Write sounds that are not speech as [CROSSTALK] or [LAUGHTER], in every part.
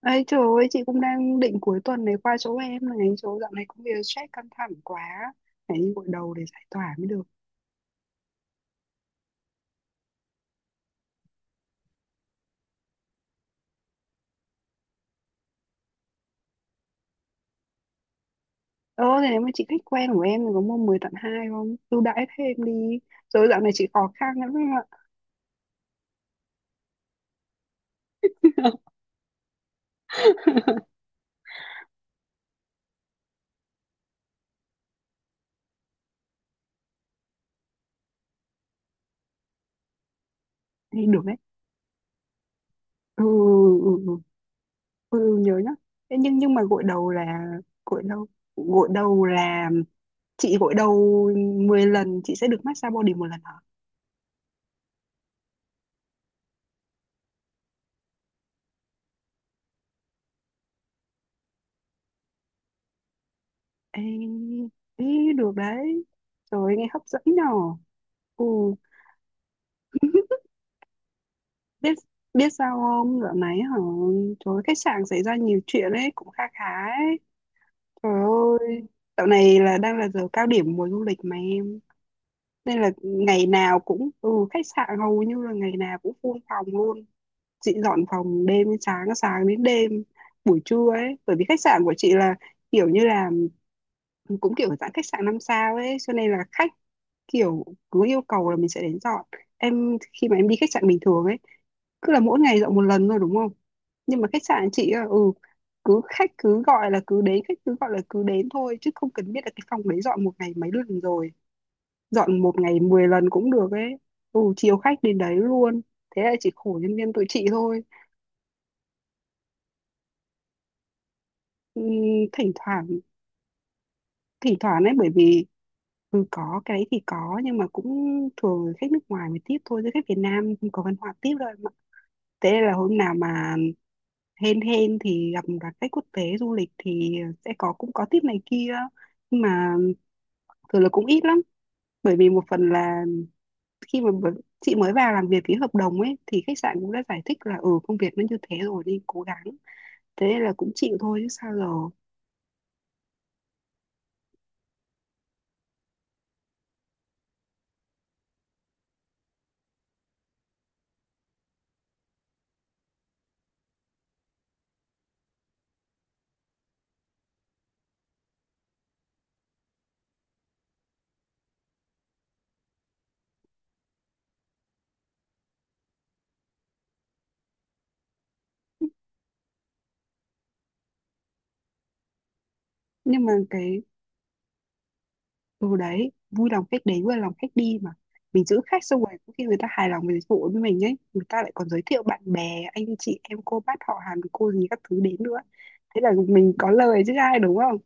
Ấy trời ơi, chị cũng đang định cuối tuần này qua chỗ em này, chỗ dạo này công việc stress căng thẳng quá, phải đi gội đầu để giải tỏa mới được. Ờ, thế nếu mà chị khách quen của em thì có mua 10 tặng 2 không? Ưu đãi thêm đi, rồi dạo này chị khó khăn lắm em ạ. [LAUGHS] Thì được đấy. Ừ, ừ, ừ, ừ, nhớ nhá. Thế nhưng mà gội đầu, gội đầu là, chị gội đầu 10 lần chị sẽ được massage body một lần hả? Ê, ý, được đấy. Trời ơi, nghe hấp dẫn nhở. Ừ. Biết, biết sao không dạo này hả? Trời ơi, khách sạn xảy ra nhiều chuyện ấy cũng kha khá ấy, trời ơi. Dạo này là đang là giờ cao điểm mùa du lịch mà em, nên là ngày nào cũng, ừ, khách sạn hầu như là ngày nào cũng full phòng luôn. Chị dọn phòng đêm đến sáng, sáng đến đêm, buổi trưa ấy, bởi vì khách sạn của chị là kiểu như là cũng kiểu dạng khách sạn năm sao ấy, cho nên là khách kiểu cứ yêu cầu là mình sẽ đến dọn. Em khi mà em đi khách sạn bình thường ấy, cứ là mỗi ngày dọn một lần thôi đúng không? Nhưng mà khách sạn chị á, ừ, cứ khách cứ gọi là cứ đến, khách cứ gọi là cứ đến thôi, chứ không cần biết là cái phòng đấy dọn một ngày mấy lần rồi. Dọn một ngày 10 lần cũng được ấy. Ừ, chiều khách đến đấy luôn. Thế là chỉ khổ nhân viên tụi chị thôi. Ừm, Thỉnh thoảng, thỉnh thoảng ấy, bởi vì, ừ, có cái đấy thì có, nhưng mà cũng thường là khách nước ngoài mới tiếp thôi, chứ khách Việt Nam không có văn hóa tiếp đâu em ạ. Thế nên là hôm nào mà hên hên thì gặp các khách quốc tế du lịch thì sẽ có, cũng có tiếp này kia, nhưng mà thường là cũng ít lắm. Bởi vì một phần là khi mà chị mới vào làm việc ký hợp đồng ấy, thì khách sạn cũng đã giải thích là, ừ, công việc nó như thế rồi đi cố gắng. Thế nên là cũng chịu thôi chứ sao giờ. Nhưng mà cái, ừ đấy, vui lòng khách đến, vui lòng khách đi mà. Mình giữ khách xong rồi có khi người ta hài lòng với dịch vụ với mình ấy, người ta lại còn giới thiệu bạn bè, anh chị em, cô bác họ hàng, cô gì các thứ đến nữa. Thế là mình có lời chứ ai đúng không?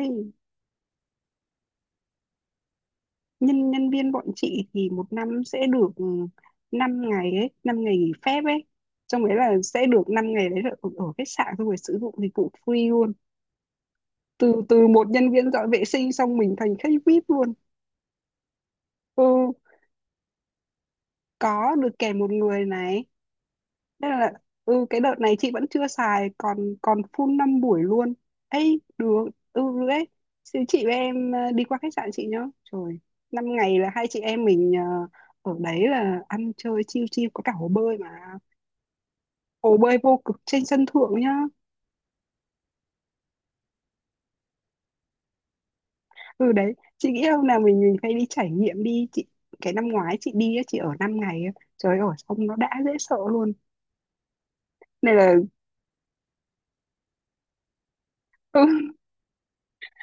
Ê, nhân nhân viên bọn chị thì một năm sẽ được, ừ, 5 ngày ấy, 5 ngày nghỉ phép ấy. Trong đấy là sẽ được 5 ngày đấy là ở, ở khách sạn xong rồi sử dụng dịch vụ free luôn. Từ từ một nhân viên dọn vệ sinh xong mình thành khách VIP luôn. Ừ, có được kèm một người này. Thế là, ừ, cái đợt này chị vẫn chưa xài, còn còn full 5 buổi luôn. Ấy được, ừ được ấy. Chị với em, đi qua khách sạn chị nhá. Trời, 5 ngày là hai chị em mình, ờ, ở đấy là ăn chơi chiêu chiêu, có cả hồ bơi mà. Hồ bơi vô cực trên sân thượng nhá. Ừ đấy, chị nghĩ hôm nào mình phải đi trải nghiệm đi chị. Cái năm ngoái chị đi á, chị ở 5 ngày á. Trời ơi, xong nó đã dễ sợ luôn. Này là [LAUGHS]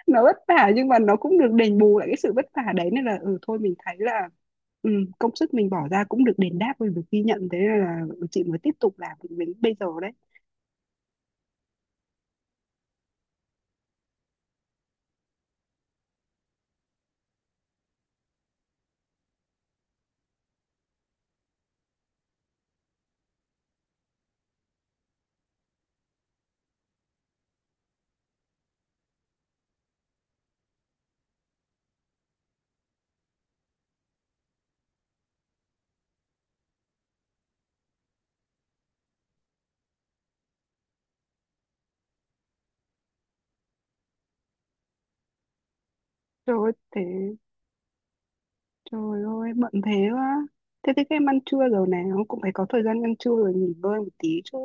nó vất vả nhưng mà nó cũng được đền bù lại cái sự vất vả đấy, nên là ừ thôi mình thấy là, ừ, công sức mình bỏ ra cũng được đền đáp và được ghi nhận, thế nên là, ừ, chị mới tiếp tục làm được đến bây giờ đấy. Trời ơi thế, trời ơi bận thế quá. Thế thì các em ăn trưa rồi, nào cũng phải có thời gian ăn trưa rồi nghỉ ngơi một tí chứ.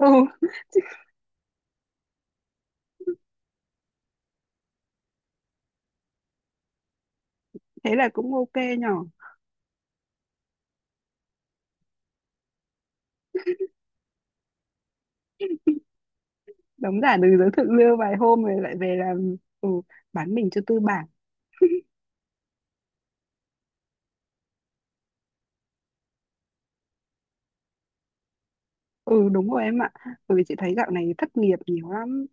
Ừ, thế là cũng ok nhỏ. Đóng giả từ giới thượng lưu vài hôm rồi lại về làm, ừ, bán mình cho tư bản. Ừ đúng rồi em ạ. Bởi vì chị thấy dạo này thất nghiệp nhiều lắm.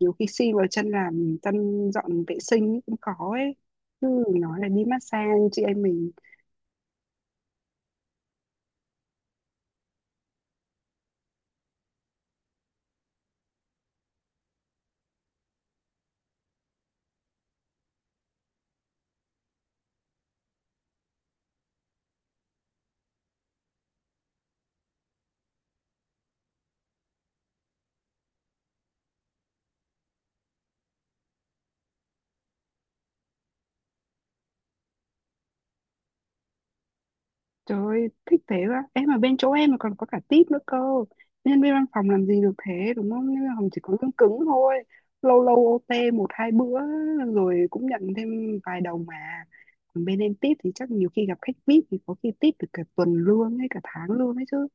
Nhiều khi xin vào chân làm, chân dọn vệ sinh cũng khó ấy. Cứ nói là đi massage chị em mình. Trời ơi thích thế quá. Em mà bên chỗ em mà còn có cả tip nữa cơ. Nhân viên văn phòng làm gì được thế đúng không? Nhân viên văn phòng chỉ có lương cứng thôi. Lâu lâu OT một hai bữa, rồi cũng nhận thêm vài đồng mà. Còn bên em tip thì chắc nhiều khi gặp khách VIP thì có khi tip được cả tuần lương hay cả tháng lương ấy chứ.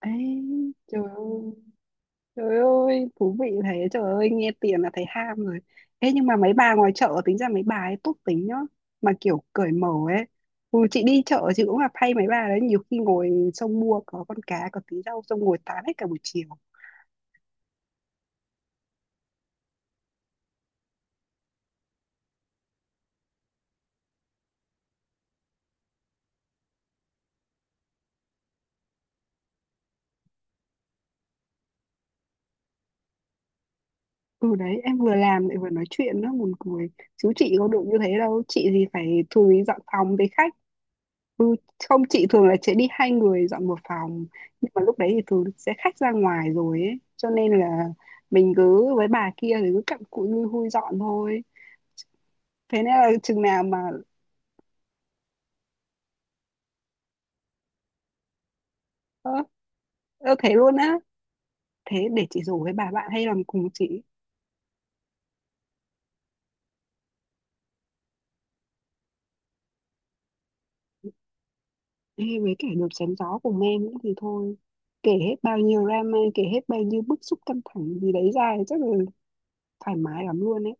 Ê trời ơi. Trời ơi, thú vị thế, trời ơi, nghe tiền là thấy ham rồi. Thế nhưng mà mấy bà ngoài chợ tính ra mấy bà ấy tốt tính nhá, mà kiểu cởi mở ấy. Ừ, chị đi chợ chị cũng gặp hay mấy bà đấy, nhiều khi ngồi xong mua có con cá, có tí rau, xong ngồi tán hết cả buổi chiều. Ừ đấy, em vừa làm lại vừa nói chuyện nữa, buồn cười. Chứ chị có được như thế đâu, chị thì phải chú dọn phòng với khách. Ừ, không chị thường là chị đi hai người dọn một phòng, nhưng mà lúc đấy thì thường sẽ khách ra ngoài rồi ấy, cho nên là mình cứ với bà kia thì cứ cặm cụi lui hui dọn thôi. Thế nên là chừng nào mà, ơ, ơ thế luôn á? Thế để chị rủ với bà bạn hay làm cùng chị, hay với kẻ được chém gió cùng em nữa thì thôi, kể hết bao nhiêu drama, kể hết bao nhiêu bức xúc căng thẳng gì đấy ra thì chắc là thoải mái lắm luôn ấy.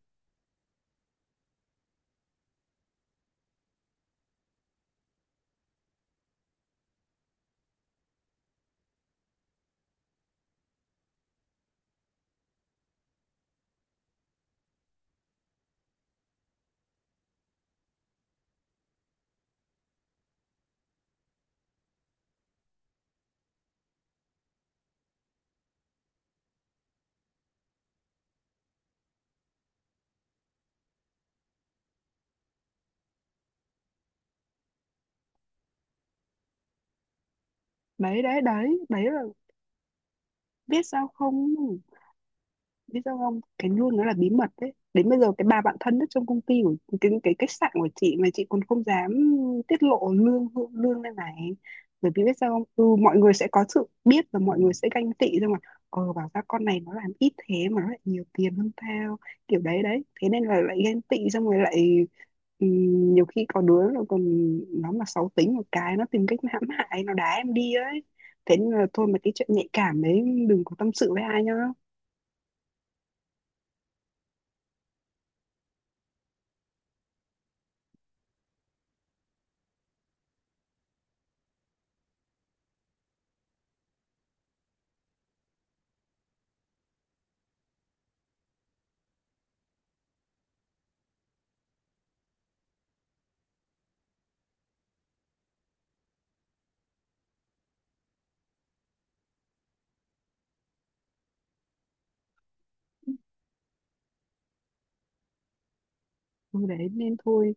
Đấy đấy đấy đấy là biết sao không, biết sao không, cái luôn nó là bí mật đấy. Đến bây giờ cái bà bạn thân nhất trong công ty của cái khách sạn của chị mà chị còn không dám tiết lộ lương, lên này, bởi vì biết sao không, ừ, mọi người sẽ có sự biết và mọi người sẽ ganh tị thôi mà. Ờ bảo ra con này nó làm ít thế mà nó lại nhiều tiền hơn tao, kiểu đấy đấy. Thế nên là lại ganh tị xong rồi lại, ừ, nhiều khi có đứa nó còn, nó mà xấu tính một cái nó tìm cách hãm hại, nó đá em đi ấy. Thế nên là thôi, mà cái chuyện nhạy cảm đấy đừng có tâm sự với ai nhá. Ừ, đấy nên thôi,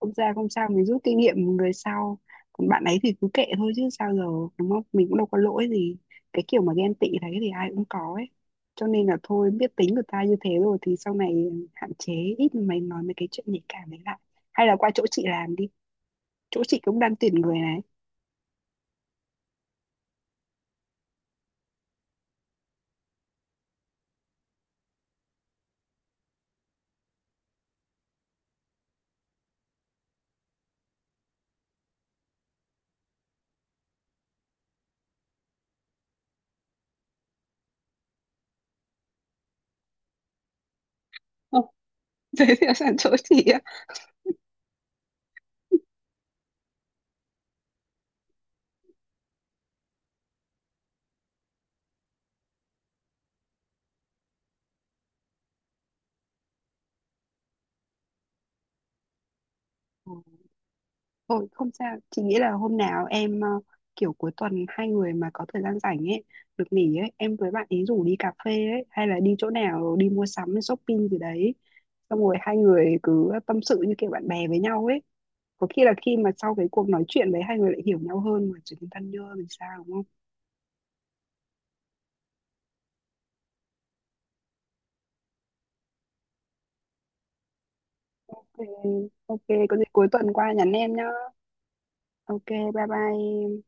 không ra không sao, mình rút kinh nghiệm người sau. Còn bạn ấy thì cứ kệ thôi chứ sao giờ, đúng không, mình cũng đâu có lỗi gì. Cái kiểu mà ghen tị đấy thì ai cũng có ấy, cho nên là thôi biết tính người ta như thế rồi thì sau này hạn chế ít mày nói mấy cái chuyện nhạy cảm đấy lại. Hay là qua chỗ chị làm đi, chỗ chị cũng đang tuyển người này. Ồ, [LAUGHS] thế thì sẵn chỗ chị. Ờ, thôi không sao, chị nghĩ là hôm nào em, ờ, kiểu cuối tuần hai người mà có thời gian rảnh ấy, được nghỉ ấy, em với bạn ý rủ đi cà phê ấy, hay là đi chỗ nào đi mua sắm, shopping gì đấy. Xong rồi hai người cứ tâm sự như kiểu bạn bè với nhau ấy. Có khi là khi mà sau cái cuộc nói chuyện đấy hai người lại hiểu nhau hơn mà trở thành thân nhau thì sao đúng không? Ừ, ok, có gì cuối tuần qua nhắn em nhá. Ok, bye bye.